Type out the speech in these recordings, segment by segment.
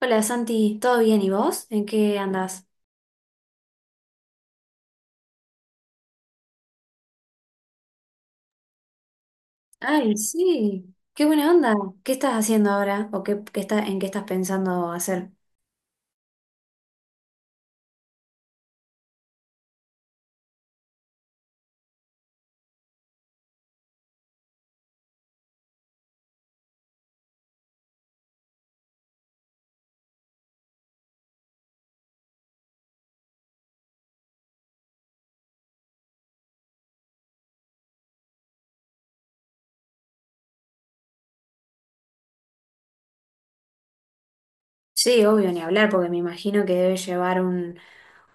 Hola Santi, ¿todo bien? ¿Y vos? ¿En qué andás? Ay, sí, qué buena onda. ¿Qué estás haciendo ahora? ¿O qué, en qué estás pensando hacer? Sí, obvio, ni hablar, porque me imagino que debe llevar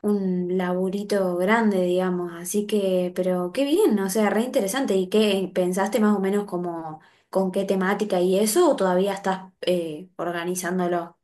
un laburito grande, digamos. Así que, pero qué bien, o sea, re interesante. ¿Y qué pensaste más o menos como con qué temática y eso, o todavía estás organizándolo?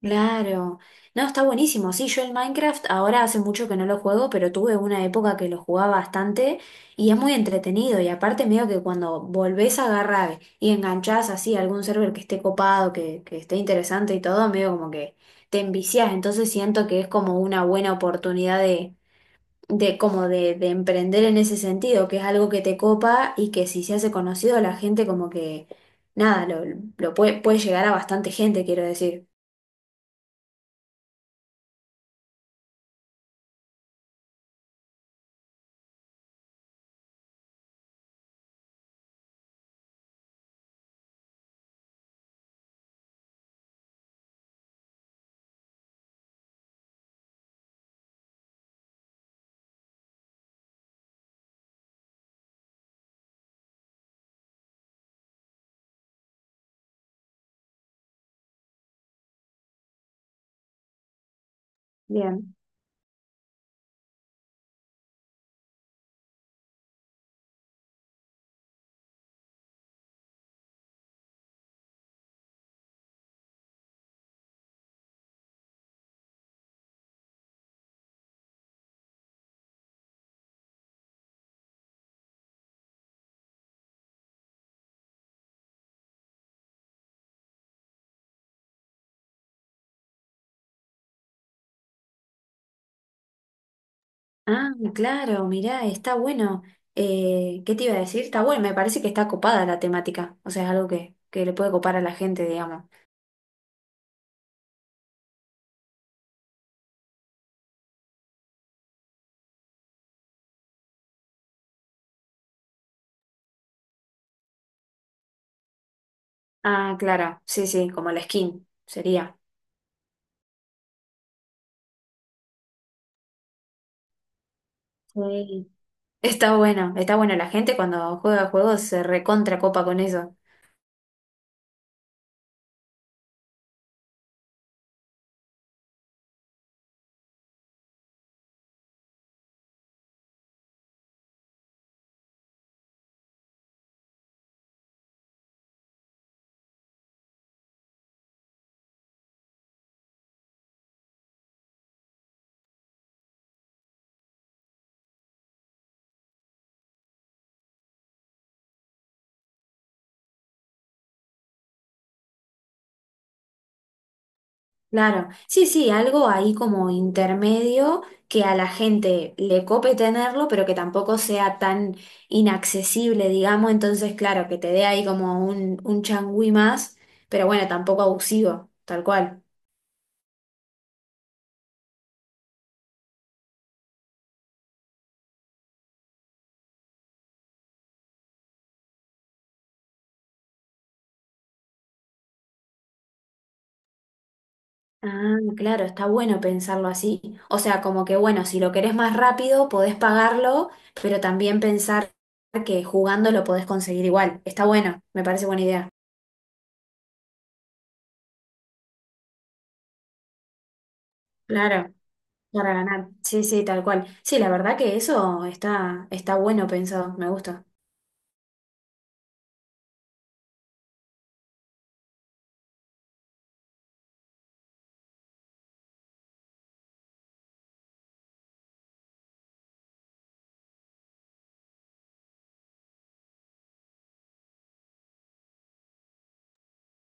Claro, no, está buenísimo. Sí, yo el Minecraft ahora hace mucho que no lo juego, pero tuve una época que lo jugaba bastante y es muy entretenido. Y aparte, medio que cuando volvés a agarrar y enganchás así a algún server que esté copado, que esté interesante y todo, medio como que te enviciás. Entonces siento que es como una buena oportunidad de emprender en ese sentido, que es algo que te copa y que si se hace conocido, la gente como que nada, lo puede llegar a bastante gente, quiero decir. Bien. Ah, claro, mirá, está bueno. ¿Qué te iba a decir? Está bueno, me parece que está copada la temática. O sea, es algo que le puede copar a la gente, digamos. Ah, claro, sí, sí, como la skin sería. Sí. Está bueno, está bueno. La gente cuando juega juegos se recontra copa con eso. Claro, sí, sí, algo ahí como intermedio que a la gente le cope tenerlo, pero que tampoco sea tan inaccesible, digamos, entonces, claro, que te dé ahí como un changüí más, pero bueno, tampoco abusivo, tal cual. Ah, claro, está bueno pensarlo así. O sea, como que bueno, si lo querés más rápido, podés pagarlo, pero también pensar que jugando lo podés conseguir igual. Está bueno, me parece buena idea. Claro. Para ganar. Sí, sí, tal cual. Sí, la verdad que eso está bueno pensado, me gusta.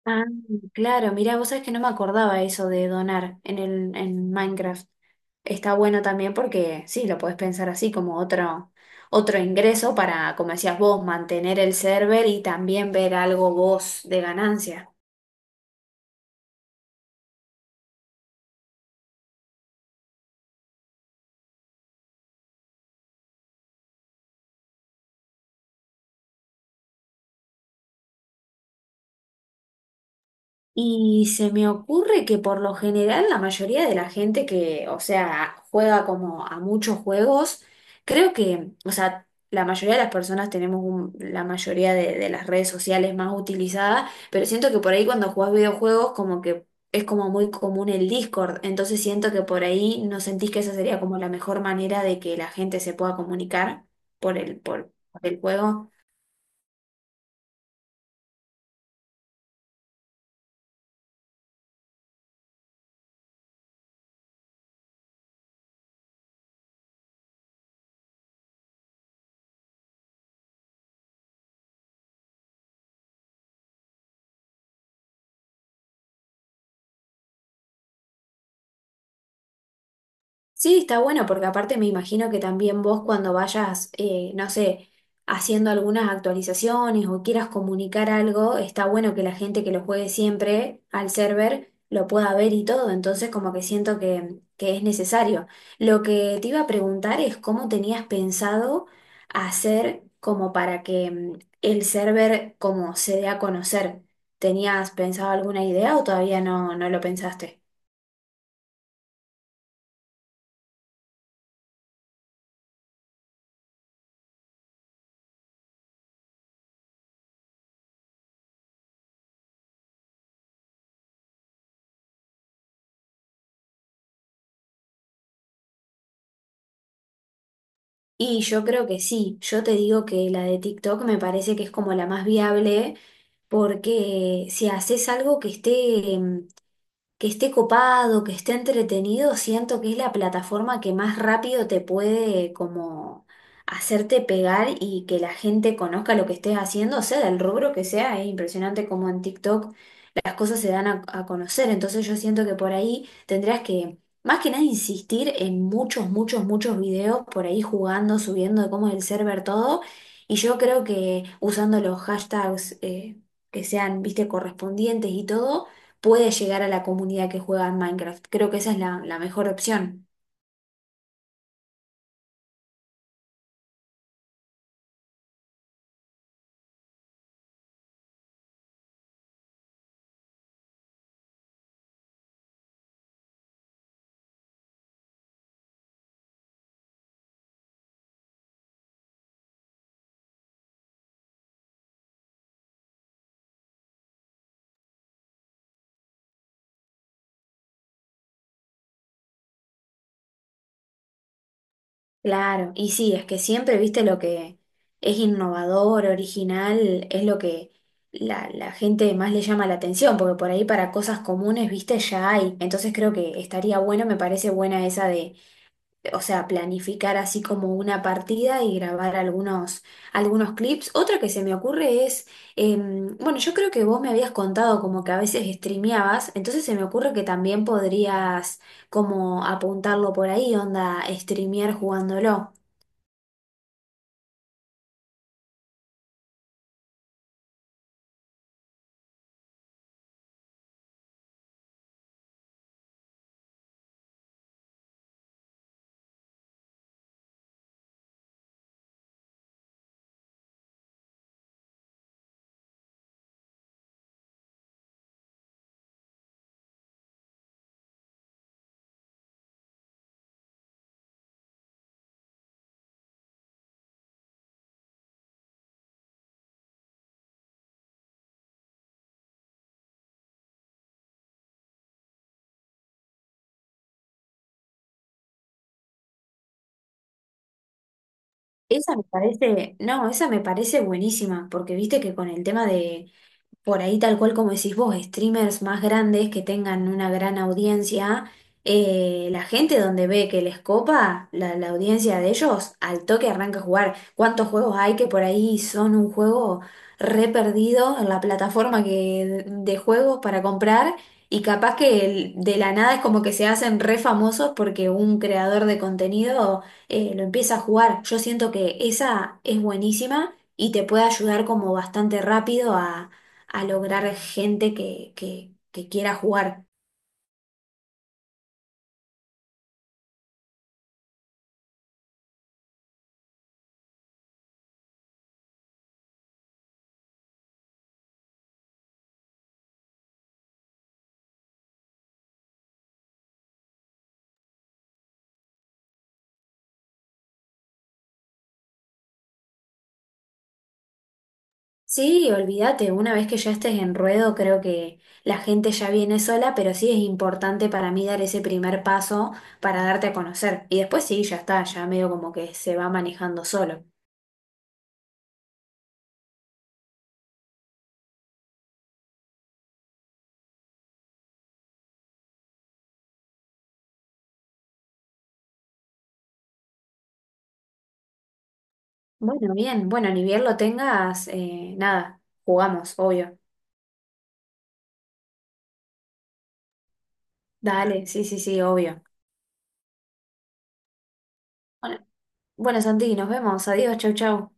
Ah, claro, mirá, vos sabés que no me acordaba eso de donar en en Minecraft. Está bueno también porque sí, lo podés pensar así como otro ingreso para, como decías vos, mantener el server y también ver algo vos de ganancia. Y se me ocurre que por lo general la mayoría de la gente que, o sea, juega como a muchos juegos, creo que, o sea, la mayoría de las personas tenemos un- la mayoría de las redes sociales más utilizadas, pero siento que por ahí cuando jugás videojuegos como que es como muy común el Discord, entonces siento que por ahí no sentís que esa sería como la mejor manera de que la gente se pueda comunicar por por el juego. Sí, está bueno porque aparte me imagino que también vos cuando vayas, no sé, haciendo algunas actualizaciones o quieras comunicar algo, está bueno que la gente que lo juegue siempre al server lo pueda ver y todo, entonces como que siento que es necesario. Lo que te iba a preguntar es cómo tenías pensado hacer como para que el server como se dé a conocer. ¿Tenías pensado alguna idea o todavía no lo pensaste? Y yo creo que sí, yo te digo que la de TikTok me parece que es como la más viable porque si haces algo que que esté copado, que esté entretenido, siento que es la plataforma que más rápido te puede como hacerte pegar y que la gente conozca lo que estés haciendo, sea del rubro que sea, es impresionante como en TikTok las cosas se dan a conocer, entonces yo siento que por ahí tendrías que... Más que nada insistir en muchos, muchos, muchos videos por ahí jugando, subiendo de cómo es el server, todo. Y yo creo que usando los hashtags que sean, viste, correspondientes y todo, puede llegar a la comunidad que juega en Minecraft. Creo que esa es la mejor opción. Claro, y sí, es que siempre, viste, lo que es innovador, original, es lo que la gente más le llama la atención, porque por ahí para cosas comunes, viste, ya hay. Entonces creo que estaría bueno, me parece buena esa, o sea, planificar así como una partida y grabar algunos clips. Otra que se me ocurre bueno, yo creo que vos me habías contado como que a veces streameabas, entonces se me ocurre que también podrías como apuntarlo por ahí, onda, streamear jugándolo. Esa me parece, no, esa me parece buenísima, porque viste que con el tema de por ahí tal cual como decís vos, streamers más grandes que tengan una gran audiencia, la gente donde ve que les copa, la audiencia de ellos, al toque arranca a jugar. ¿Cuántos juegos hay que por ahí son un juego re perdido en la plataforma que, de juegos para comprar? Y capaz que el- de la nada es como que se hacen re famosos porque un creador de contenido lo empieza a jugar. Yo siento que esa es buenísima y te puede ayudar como bastante rápido a lograr gente que quiera jugar. Sí, olvídate, una vez que ya estés en ruedo, creo que la gente ya viene sola, pero sí es importante para mí dar ese primer paso para darte a conocer. Y después sí, ya está, ya medio como que se va manejando solo. Bueno, bien, bueno, ni bien lo tengas, nada, jugamos, obvio. Dale, sí, sí, sí, obvio. Bueno, bueno, Santi, nos vemos, adiós, chau, chau.